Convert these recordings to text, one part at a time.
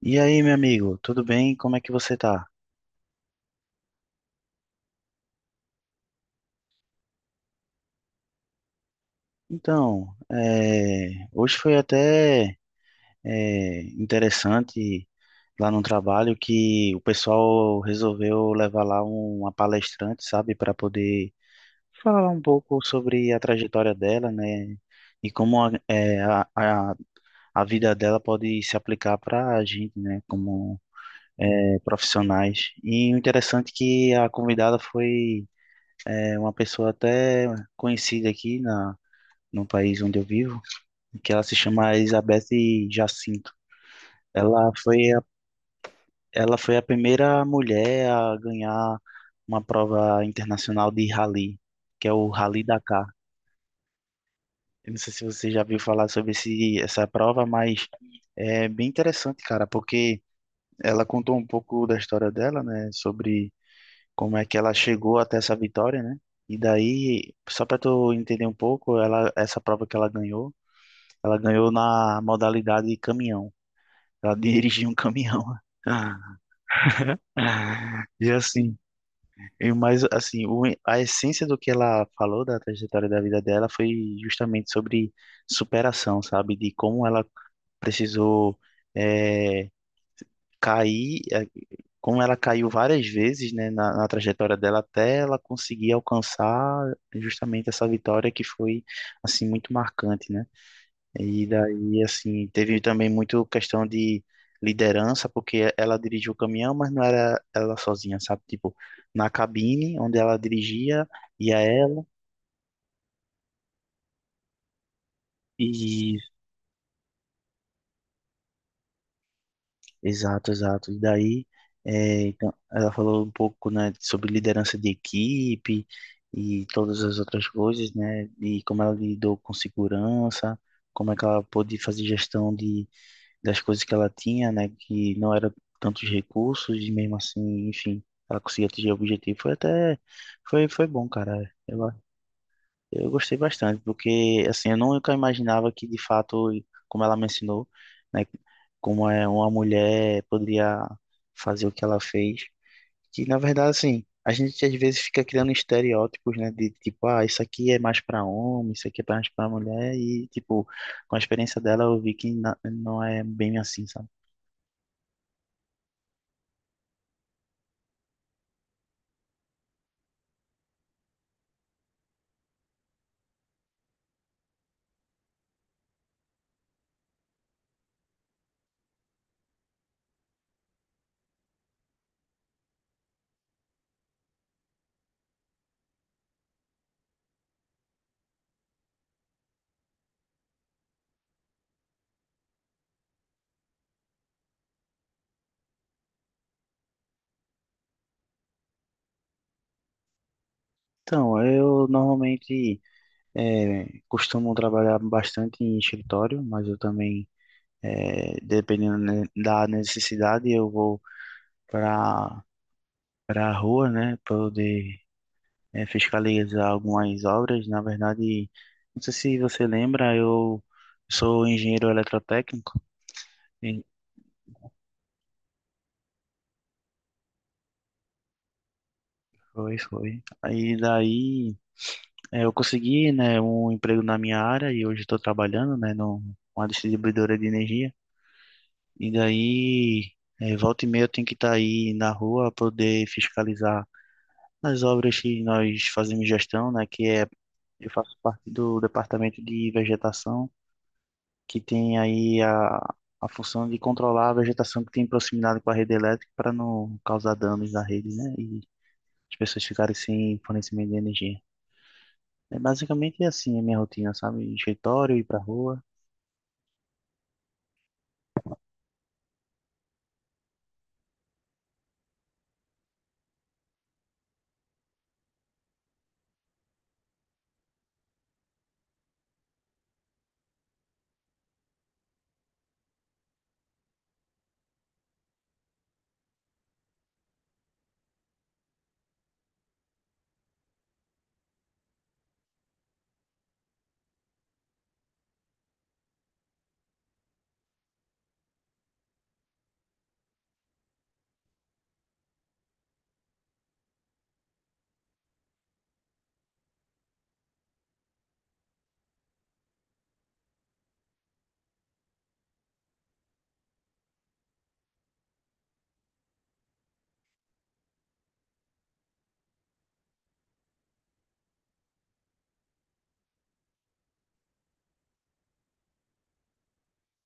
E aí, meu amigo, tudo bem? Como é que você tá? Então, hoje foi até interessante lá no trabalho que o pessoal resolveu levar lá uma palestrante, sabe, para poder falar um pouco sobre a trajetória dela, né? E como a, é, a vida dela pode se aplicar para a gente, né? Como profissionais. E o interessante é que a convidada foi. É uma pessoa até conhecida no país onde eu vivo, que ela se chama Elizabeth Jacinto. Ela foi a, ela foi a primeira mulher a ganhar uma prova internacional de rally, que é o Rally Dakar. Eu não sei se você já viu falar sobre essa prova, mas é bem interessante, cara, porque ela contou um pouco da história dela, né, sobre como é que ela chegou até essa vitória, né? E daí, só para tu entender um pouco, ela, essa prova que ela ganhou na modalidade caminhão. Ela dirigiu um caminhão. E assim, e mais assim, a essência do que ela falou da trajetória da vida dela foi justamente sobre superação, sabe? De como ela precisou eh, cair. Como ela caiu várias vezes, né, na trajetória dela até ela conseguir alcançar justamente essa vitória que foi assim muito marcante, né? E daí assim teve também muito questão de liderança, porque ela dirigiu o caminhão, mas não era ela sozinha, sabe? Tipo, na cabine onde ela dirigia ia ela e Exato, exato. E daí, é, então, ela falou um pouco, né, sobre liderança de equipe e todas as outras coisas, né, e como ela lidou com segurança, como é que ela pôde fazer gestão de, das coisas que ela tinha, né, que não era tantos recursos e mesmo assim, enfim, ela conseguia atingir o objetivo. Foi até, foi bom, cara. Eu gostei bastante, porque assim, eu nunca imaginava que de fato, como ela me ensinou, né, como é uma mulher poderia fazer o que ela fez. Que na verdade, assim, a gente às vezes fica criando estereótipos, né, de tipo, ah, isso aqui é mais para homem, isso aqui é mais para mulher e tipo, com a experiência dela eu vi que não é bem assim, sabe? Então, eu normalmente costumo trabalhar bastante em escritório, mas eu também É, dependendo da necessidade, eu vou para para a rua, né, poder fiscalizar algumas obras. Na verdade, não sei se você lembra, eu sou engenheiro eletrotécnico. E foi, foi. Aí daí é, eu consegui, né, um emprego na minha área e hoje estou trabalhando, né, numa distribuidora de energia. E daí, é, volta e meia eu tenho que estar aí na rua para poder fiscalizar as obras que nós fazemos gestão, né, que é Eu faço parte do departamento de vegetação, que tem a função de controlar a vegetação que tem proximidade com a rede elétrica para não causar danos na rede, né? E as pessoas ficarem sem fornecimento de energia. É basicamente assim a minha rotina, sabe? Escritório, ir pra rua,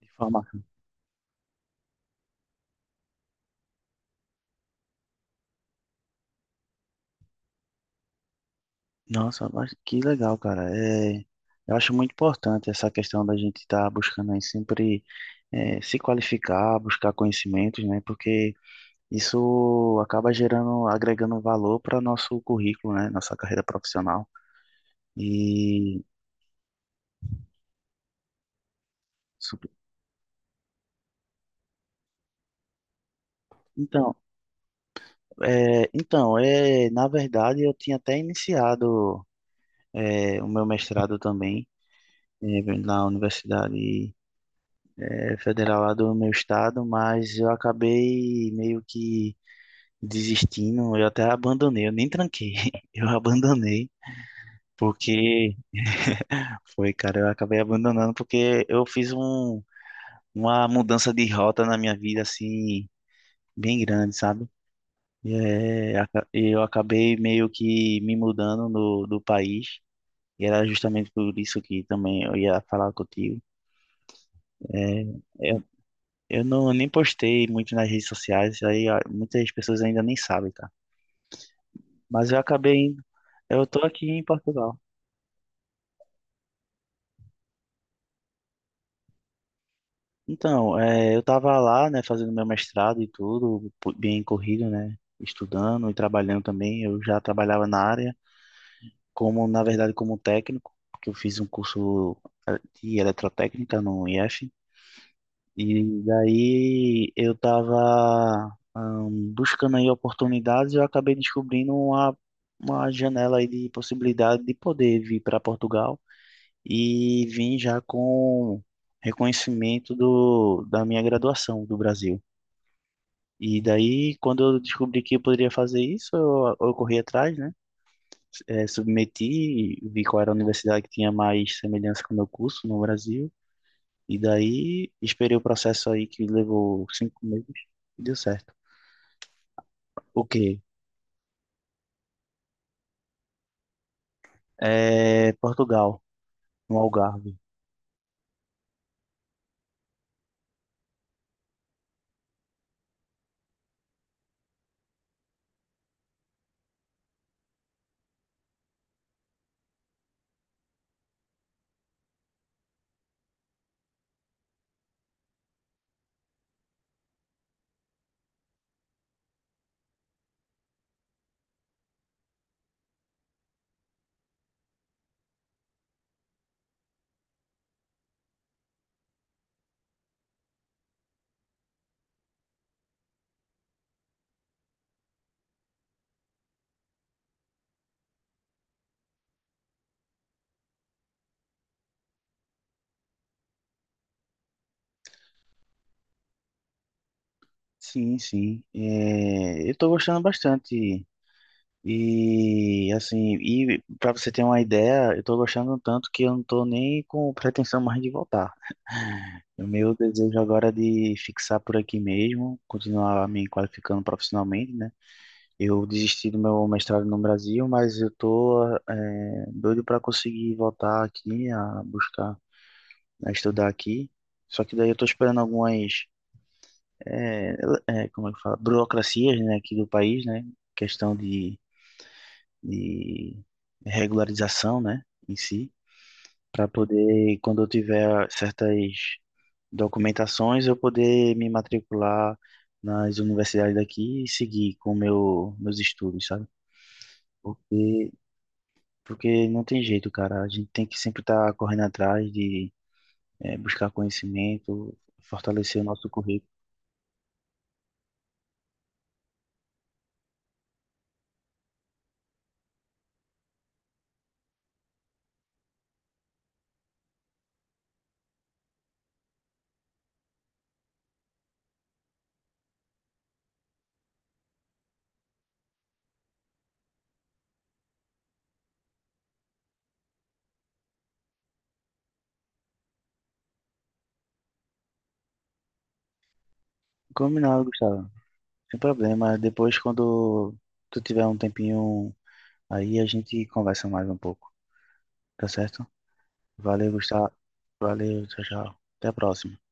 de forma... Nossa, mas que legal, cara. É... Eu acho muito importante essa questão da gente estar buscando aí sempre se qualificar, buscar conhecimentos, né? Porque isso acaba gerando, agregando valor para nosso currículo, né? Nossa carreira profissional. E su- então, na verdade, eu tinha até iniciado é, o meu mestrado também é, na Universidade é, Federal lá do meu estado, mas eu acabei meio que desistindo. Eu até abandonei, eu nem tranquei, eu abandonei porque foi, cara, eu acabei abandonando porque eu fiz uma mudança de rota na minha vida, assim, bem grande, sabe? Eu acabei meio que me mudando do país, e era justamente por isso que também eu ia falar contigo. É, eu, eu não, nem postei muito nas redes sociais, aí ah, muitas pessoas ainda nem sabem, tá? Mas eu acabei, eu tô aqui em Portugal. Então, é, eu tava lá, né, fazendo meu mestrado e tudo, bem corrido, né? Estudando e trabalhando também, eu já trabalhava na área. Como na verdade como técnico, porque eu fiz um curso de eletrotécnica no IF, e daí eu estava buscando aí oportunidades e eu acabei descobrindo uma janela aí de possibilidade de poder vir para Portugal e vim já com reconhecimento da minha graduação do Brasil. E daí, quando eu descobri que eu poderia fazer isso, eu corri atrás, né? Submeti, vi qual era a universidade que tinha mais semelhança com o meu curso no Brasil, e daí esperei o processo aí que levou 5 meses e deu certo. O quê? É, Portugal, no Algarve. Sim, sim. É, eu tô gostando bastante. E assim, e para você ter uma ideia, eu tô gostando tanto que eu não tô nem com pretensão mais de voltar. O meu desejo agora é de fixar por aqui mesmo, continuar me qualificando profissionalmente, né? Eu desisti do meu mestrado no Brasil, mas eu tô é, doido para conseguir voltar aqui a buscar, a estudar aqui. Só que daí eu tô esperando é, como é que fala, burocracias, né, aqui do país, né, questão de regularização, né, em si, para poder, quando eu tiver certas documentações, eu poder me matricular nas universidades daqui e seguir com meus estudos, sabe? Porque Porque não tem jeito, cara. A gente tem que sempre estar correndo atrás de buscar conhecimento, fortalecer o nosso currículo. Combinado, Gustavo. Sem problema. Depois, quando tu tiver um tempinho aí, a gente conversa mais um pouco. Tá certo? Valeu, Gustavo. Valeu, tchau, tchau. Até a próxima.